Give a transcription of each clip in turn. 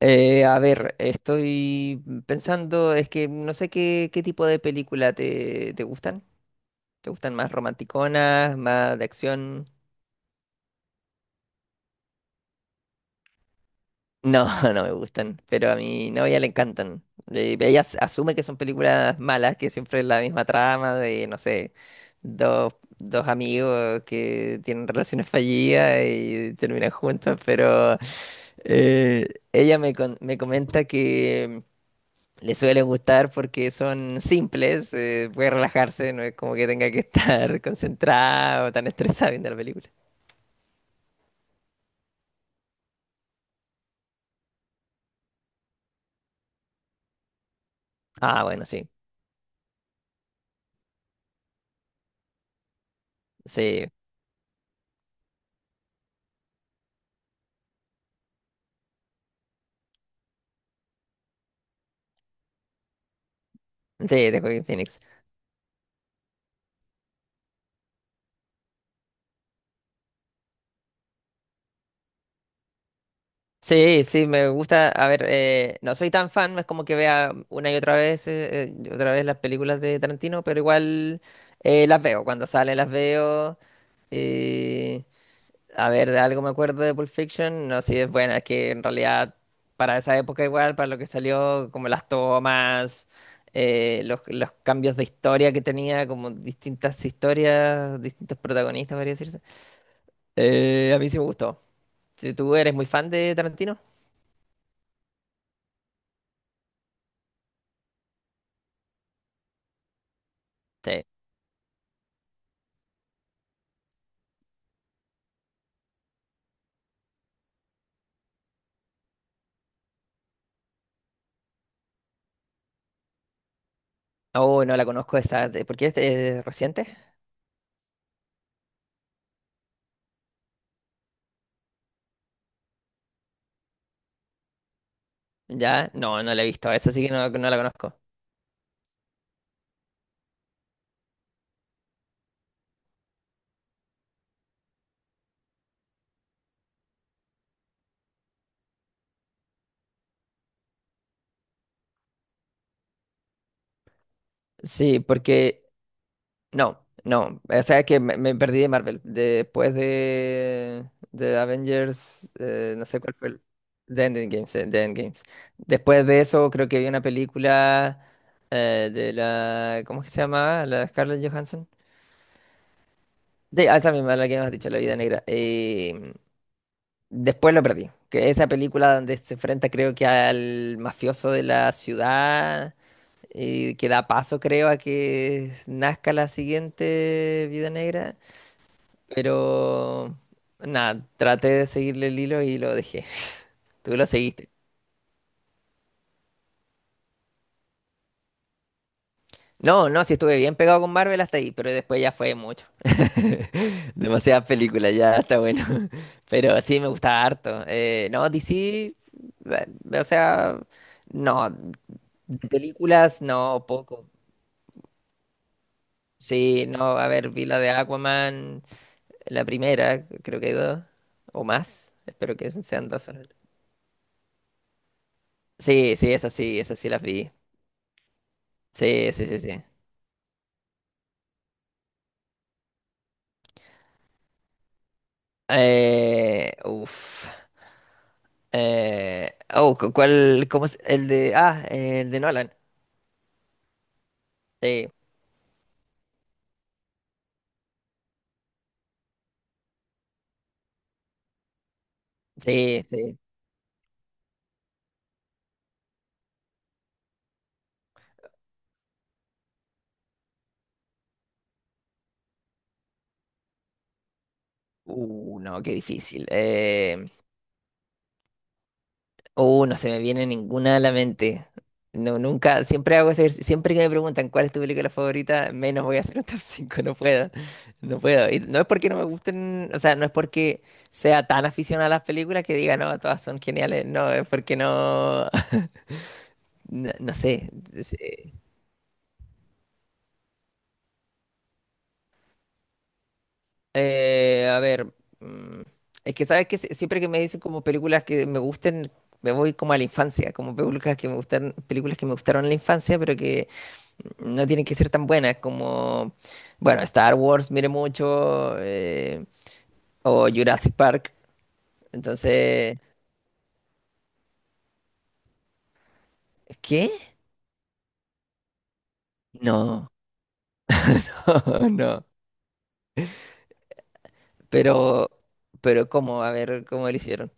Estoy pensando, es que no sé qué tipo de película te gustan. ¿Te gustan más romanticonas, más de acción? No, no me gustan, pero a mi novia le encantan. Ella asume que son películas malas, que siempre es la misma trama de, no sé, dos amigos que tienen relaciones fallidas y terminan juntos, pero eh, me comenta que le suelen gustar porque son simples, puede relajarse, no es como que tenga que estar concentrado o tan estresado viendo la película. Ah, bueno, sí, sí, sí, de Joaquin Phoenix. Sí, sí, me gusta, a ver, no soy tan fan, no es como que vea una y otra vez las películas de Tarantino, pero igual las veo, cuando salen las veo. eh, A ver, de algo me acuerdo de Pulp Fiction. No, sí es buena, es que en realidad para esa época igual, para lo que salió, como las tomas, los cambios de historia que tenía, como distintas historias, distintos protagonistas, podría decirse. A mí sí me gustó. Si ¿tú eres muy fan de Tarantino? Sí. Oh, no la conozco esa. ¿Por qué es reciente? Ya, no, no la he visto. Esa sí que no, no la conozco. Sí, porque no, no. O sea que me perdí de Marvel. Después de Avengers, no sé cuál fue el. The Endgames, The Endgames. Después de eso, creo que había una película de la. ¿Cómo es que se llamaba? La de Scarlett Johansson. Sí, a esa misma, la que hemos dicho, La Vida Negra. Después lo perdí. Que esa película donde se enfrenta, creo que al mafioso de la ciudad. Y que da paso, creo, a que nazca la siguiente Vida Negra. Pero nada, traté de seguirle el hilo y lo dejé. Tú lo seguiste. No, no, sí estuve bien pegado con Marvel hasta ahí, pero después ya fue mucho. Demasiadas películas, ya está bueno. Pero sí, me gustaba harto. No, DC, eh, o sea, no, de películas no, poco. Sí, no, a ver, vi la de Aquaman, la primera, creo que hay dos, o más. Espero que sean dos solamente. Sí, sí, esas sí, esas sí las vi. Sí, sí, sí, sí. Eh, uf. ¿Cuál? ¿Cómo es? El de. Ah, el de Nolan. Sí, sí, sí. No, qué difícil. No se me viene ninguna a la mente. No, nunca, siempre hago ese ejercicio. Siempre que me preguntan cuál es tu película favorita, menos voy a hacer un top 5. No puedo. No puedo. Y no es porque no me gusten, o sea, no es porque sea tan aficionado a las películas que diga, no, todas son geniales. No, es porque no. No, no sé. A ver, mm, es que sabes que siempre que me dicen como películas que me gusten, me voy como a la infancia, como películas que me gustan, películas que me gustaron en la infancia, pero que no tienen que ser tan buenas, como, bueno, Star Wars, mire mucho, o Jurassic Park. Entonces, ¿qué? No, no, no. Pero, pero ¿cómo? A ver, ¿cómo lo hicieron?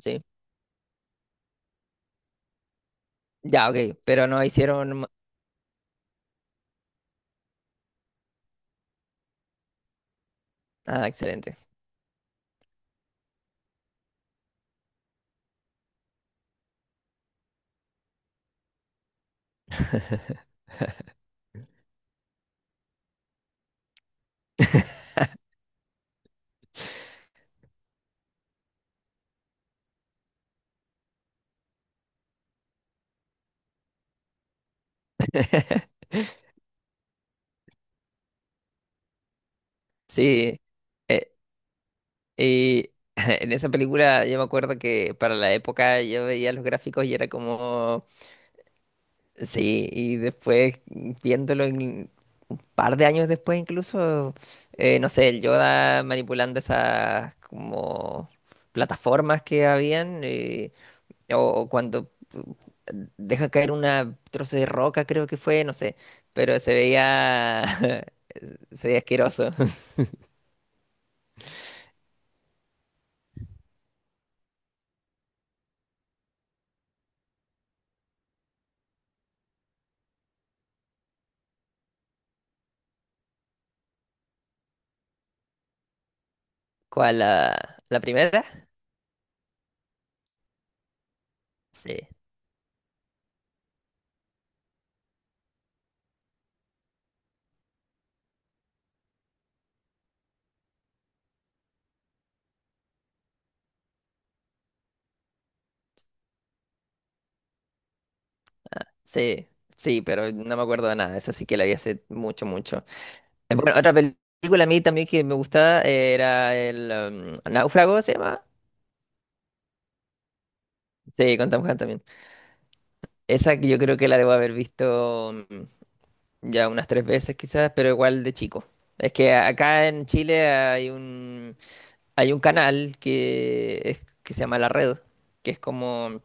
Sí. Ya, ok, pero no hicieron... Ah, excelente. Sí, eh, y en esa película yo me acuerdo que para la época yo veía los gráficos y era como, sí, y después viéndolo un par de años después incluso, no sé, el Yoda manipulando esas como plataformas que habían, o cuando deja caer una trozo de roca creo que fue, no sé, pero se veía, se veía asqueroso. ¿Cuál? ¿La, la primera? Sí. Sí, sí, pero no me acuerdo de nada. Esa sí que la vi hace mucho, mucho. Bueno, otra película a mí también que me gustaba era el Náufrago, ¿se llama? Sí, con Tom Hanks también. Esa que yo creo que la debo haber visto ya unas tres veces quizás, pero igual de chico. Es que acá en Chile hay un canal que se llama La Red, que es como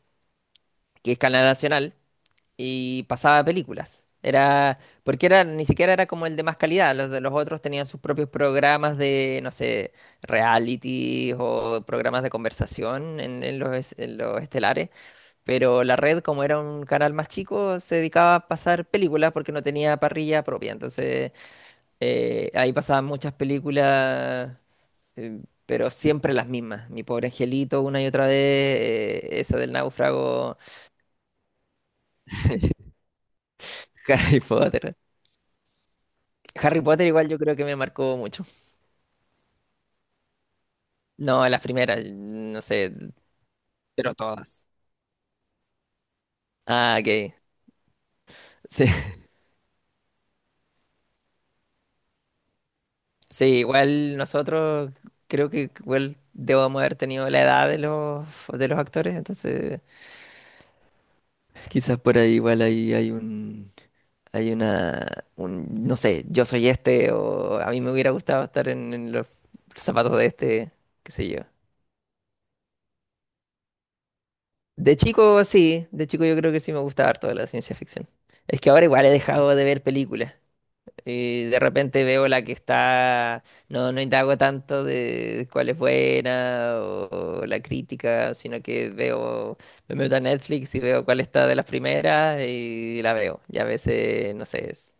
que es canal nacional y pasaba películas. Era, porque era, ni siquiera era como el de más calidad, los de los otros tenían sus propios programas de, no sé, reality o programas de conversación en los, en los estelares, pero la red, como era un canal más chico, se dedicaba a pasar películas porque no tenía parrilla propia, entonces ahí pasaban muchas películas, eh, pero siempre las mismas. Mi pobre angelito, una y otra vez, esa del náufrago, Harry Potter. Harry Potter igual yo creo que me marcó mucho. No, las primeras, no sé. Pero todas. Ah, ok. Sí, sí, igual nosotros creo que igual debemos haber tenido la edad de los actores, entonces quizás por ahí igual ahí hay un hay una un no sé, yo soy este o a mí me hubiera gustado estar en los zapatos de este, qué sé yo. De chico sí, de chico yo creo que sí me gustaba harto la ciencia ficción. Es que ahora igual he dejado de ver películas. Y de repente veo la que está, no, no indago tanto de cuál es buena o la crítica, sino que veo, me meto a Netflix y veo cuál está de las primeras y la veo. Y a veces, no sé, es-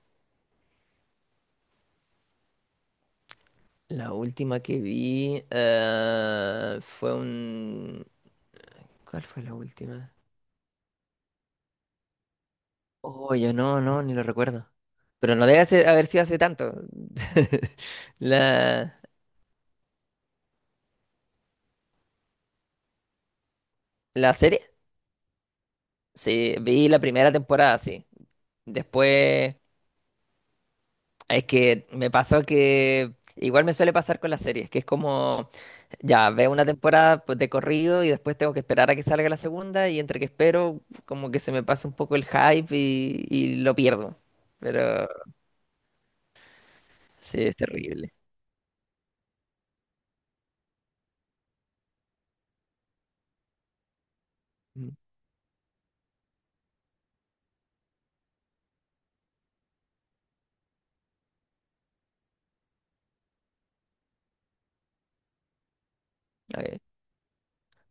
la última que vi fue un... ¿Cuál fue la última? Oh, yo no, no, ni lo recuerdo. Pero no debe ser, haber sido hace tanto. La, la serie. Sí, vi la primera temporada, sí. Después, es que me pasó que igual me suele pasar con las series, que es como, ya veo una temporada pues, de corrido y después tengo que esperar a que salga la segunda y entre que espero, como que se me pasa un poco el hype y lo pierdo. Pero sí, es terrible. Mm, ok.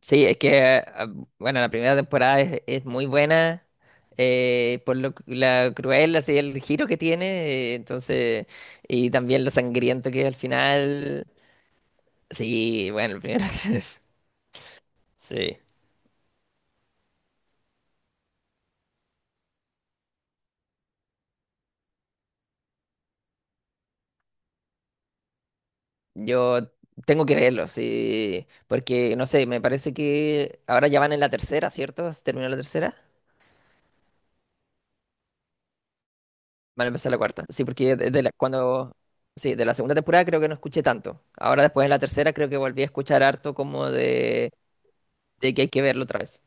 Sí, es que, ah, bueno, la primera temporada es muy buena. La cruel, así el giro que tiene, y también lo sangriento que es al final. Sí, bueno, el primero. Sí. Yo tengo que verlo, sí. Porque, no sé, me parece que ahora ya van en la tercera, ¿cierto? ¿Se terminó la tercera? Van a empezar la cuarta. Sí, porque cuando. Sí, de la segunda temporada creo que no escuché tanto. Ahora después de la tercera creo que volví a escuchar harto como de que hay que verlo otra vez.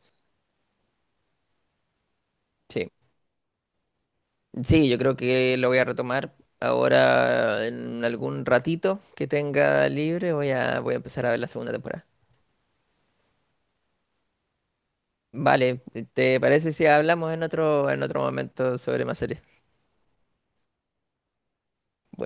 Sí. Sí, yo creo que lo voy a retomar ahora en algún ratito que tenga libre. Voy a empezar a ver la segunda temporada. Vale, ¿te parece si hablamos en otro momento sobre más series? Bueno,